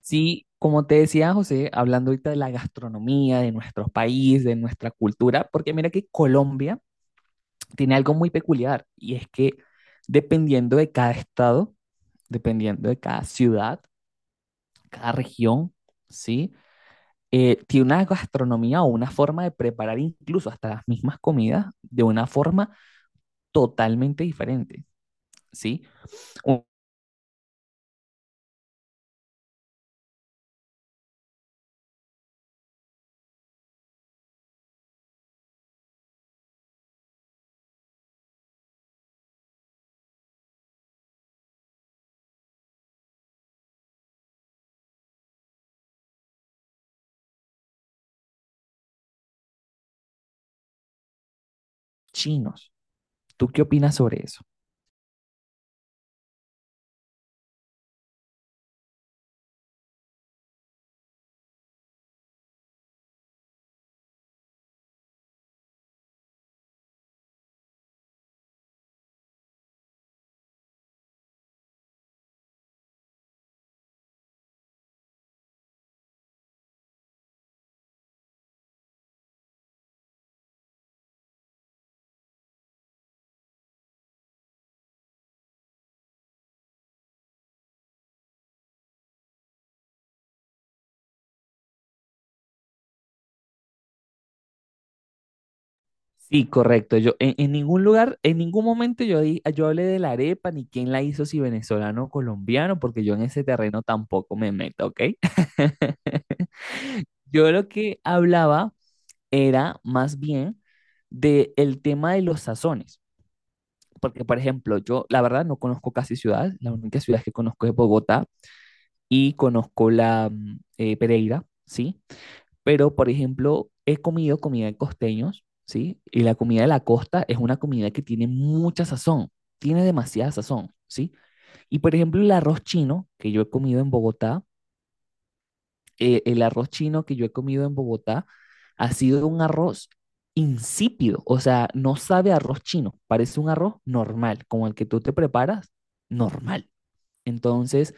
Sí, como te decía José, hablando ahorita de la gastronomía, de nuestro país, de nuestra cultura, porque mira que Colombia tiene algo muy peculiar y es que dependiendo de cada estado, dependiendo de cada ciudad, cada región, ¿sí? Tiene una gastronomía o una forma de preparar incluso hasta las mismas comidas de una forma totalmente diferente, ¿sí? O chinos, ¿tú qué opinas sobre eso? Sí, correcto. Yo en ningún lugar, en ningún momento yo hablé de la arepa ni quién la hizo, si venezolano o colombiano, porque yo en ese terreno tampoco me meto, ¿ok? Yo lo que hablaba era más bien de el tema de los sazones, porque por ejemplo, yo la verdad no conozco casi ciudades, la única ciudad que conozco es Bogotá y conozco la Pereira, ¿sí? Pero, por ejemplo, he comido comida de costeños, ¿sí? Y la comida de la costa es una comida que tiene mucha sazón, tiene demasiada sazón, ¿sí? Y, por ejemplo, el arroz chino que yo he comido en Bogotá, el arroz chino que yo he comido en Bogotá ha sido un arroz insípido, o sea, no sabe a arroz chino, parece un arroz normal, como el que tú te preparas, normal. Entonces,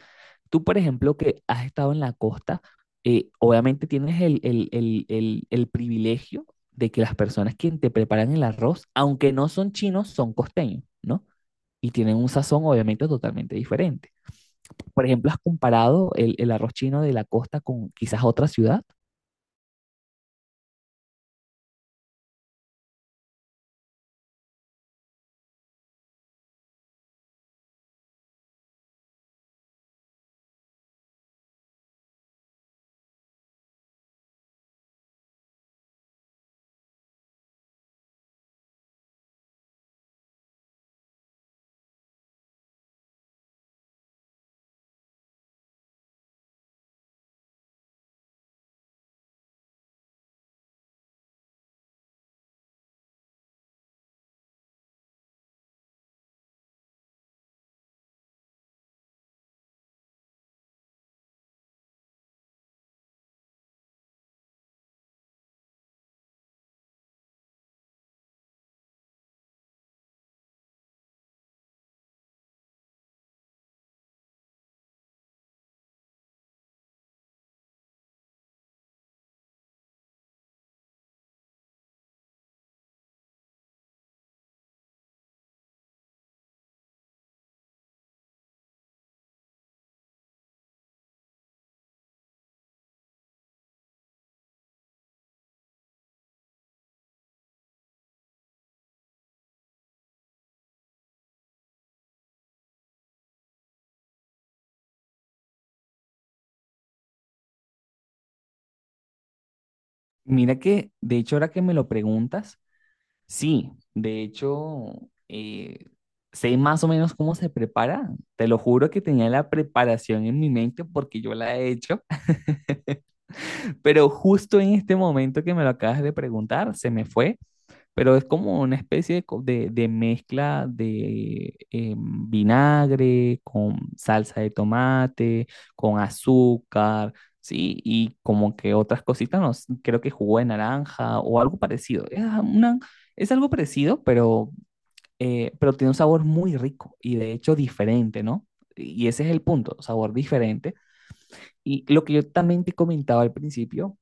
tú, por ejemplo, que has estado en la costa, obviamente tienes el privilegio de que las personas que te preparan el arroz, aunque no son chinos, son costeños, ¿no? Y tienen un sazón obviamente totalmente diferente. Por ejemplo, ¿has comparado el arroz chino de la costa con quizás otra ciudad? Mira que, de hecho, ahora que me lo preguntas, sí, de hecho, eh, sé más o menos cómo se prepara. Te lo juro que tenía la preparación en mi mente porque yo la he hecho. Pero justo en este momento que me lo acabas de preguntar, se me fue, pero es como una especie de mezcla de vinagre con salsa de tomate, con azúcar, ¿sí? Y como que otras cositas, no sé, creo que jugo de naranja o algo parecido. Es algo parecido, pero tiene un sabor muy rico y de hecho diferente, ¿no? Y ese es el punto, sabor diferente. Y lo que yo también te comentaba al principio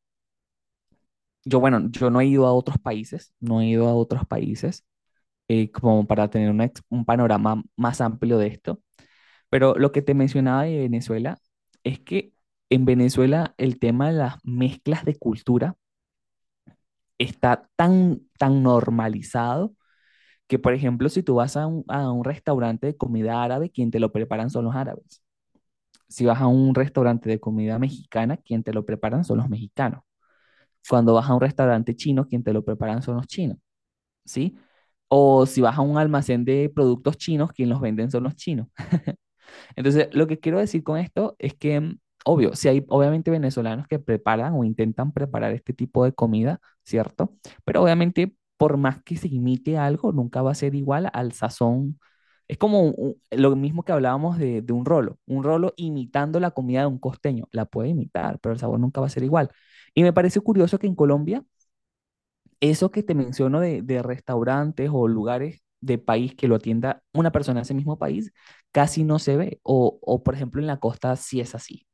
yo, bueno, yo no he ido a otros países, no he ido a otros países como para tener un panorama más amplio de esto, pero lo que te mencionaba de Venezuela es que en Venezuela el tema de las mezclas de cultura está tan, tan normalizado que, por ejemplo, si tú vas a a un restaurante de comida árabe, quien te lo preparan son los árabes. Si vas a un restaurante de comida mexicana, quien te lo preparan son los mexicanos. Cuando vas a un restaurante chino, quien te lo preparan son los chinos. ¿Sí? O si vas a un almacén de productos chinos, quien los venden son los chinos. Entonces, lo que quiero decir con esto es que, obvio, si hay obviamente venezolanos que preparan o intentan preparar este tipo de comida, ¿cierto? Pero obviamente, por más que se imite algo, nunca va a ser igual al sazón. Es como lo mismo que hablábamos de un rolo. Un rolo imitando la comida de un costeño. La puede imitar, pero el sabor nunca va a ser igual. Y me parece curioso que en Colombia eso que te menciono de restaurantes o lugares de país que lo atienda una persona de ese mismo país, casi no se ve. O por ejemplo, en la costa sí es así.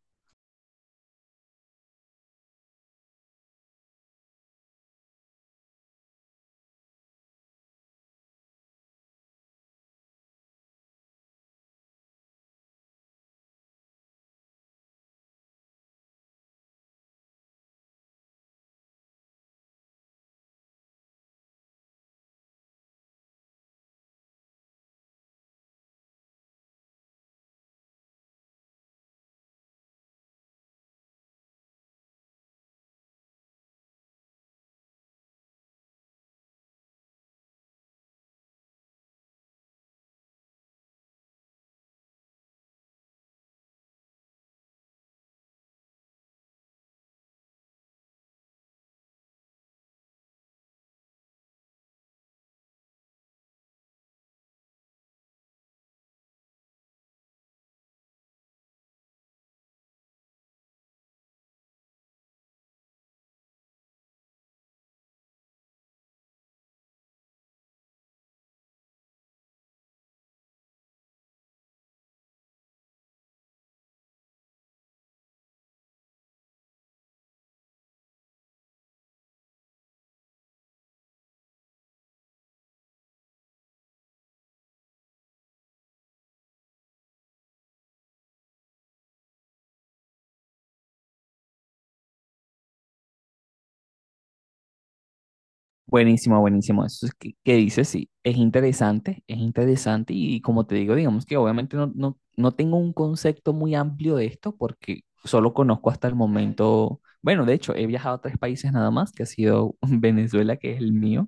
Buenísimo, buenísimo. Eso es que dices, sí, es interesante, es interesante. Y, como te digo, digamos que obviamente no tengo un concepto muy amplio de esto porque solo conozco hasta el momento, bueno, de hecho, he viajado a tres países nada más, que ha sido Venezuela, que es el mío,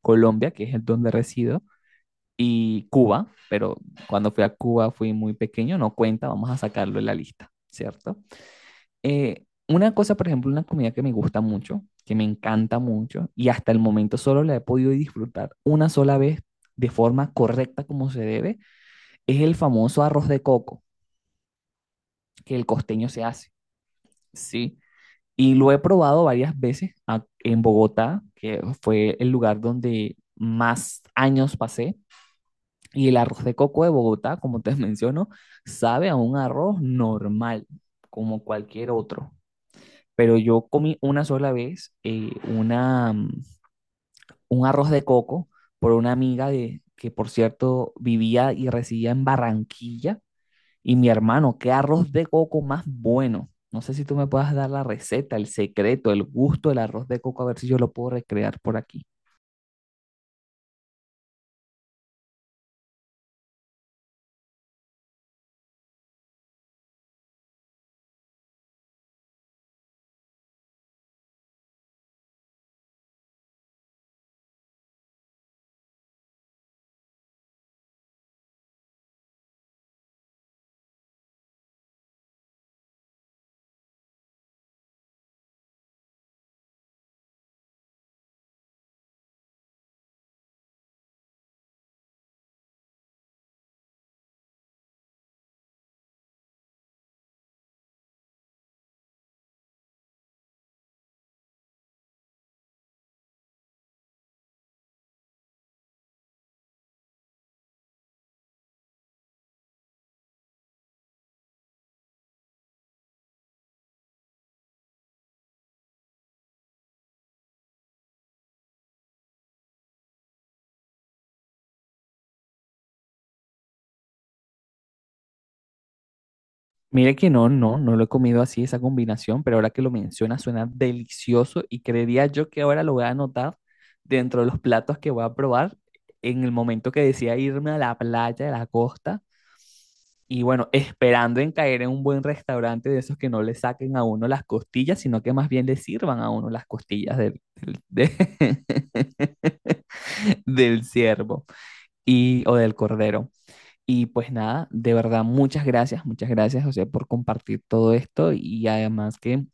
Colombia, que es el donde resido, y Cuba, pero cuando fui a Cuba fui muy pequeño, no cuenta, vamos a sacarlo en la lista, ¿cierto? Una cosa, por ejemplo, una comida que me gusta mucho, que me encanta mucho y hasta el momento solo la he podido disfrutar una sola vez de forma correcta como se debe, es el famoso arroz de coco que el costeño se hace, ¿sí? Y lo he probado varias veces en Bogotá, que fue el lugar donde más años pasé, y el arroz de coco de Bogotá, como te menciono, sabe a un arroz normal, como cualquier otro. Pero yo comí una sola vez un arroz de coco por una amiga que, por cierto, vivía y residía en Barranquilla. Y mi hermano, qué arroz de coco más bueno. No sé si tú me puedas dar la receta, el secreto, el gusto del arroz de coco, a ver si yo lo puedo recrear por aquí. Mire que no lo he comido así, esa combinación, pero ahora que lo menciona suena delicioso y creería yo que ahora lo voy a anotar dentro de los platos que voy a probar en el momento que decida irme a la playa de la costa y bueno, esperando en caer en un buen restaurante de esos que no le saquen a uno las costillas, sino que más bien le sirvan a uno las costillas del ciervo y, o del cordero. Y pues nada, de verdad, muchas gracias, José, por compartir todo esto y además que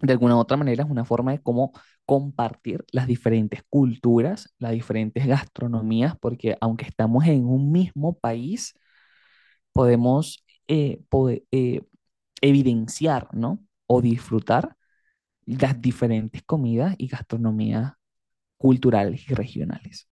de alguna u otra manera es una forma de cómo compartir las diferentes culturas, las diferentes gastronomías, porque aunque estamos en un mismo país, podemos evidenciar, ¿no? O disfrutar las diferentes comidas y gastronomías culturales y regionales.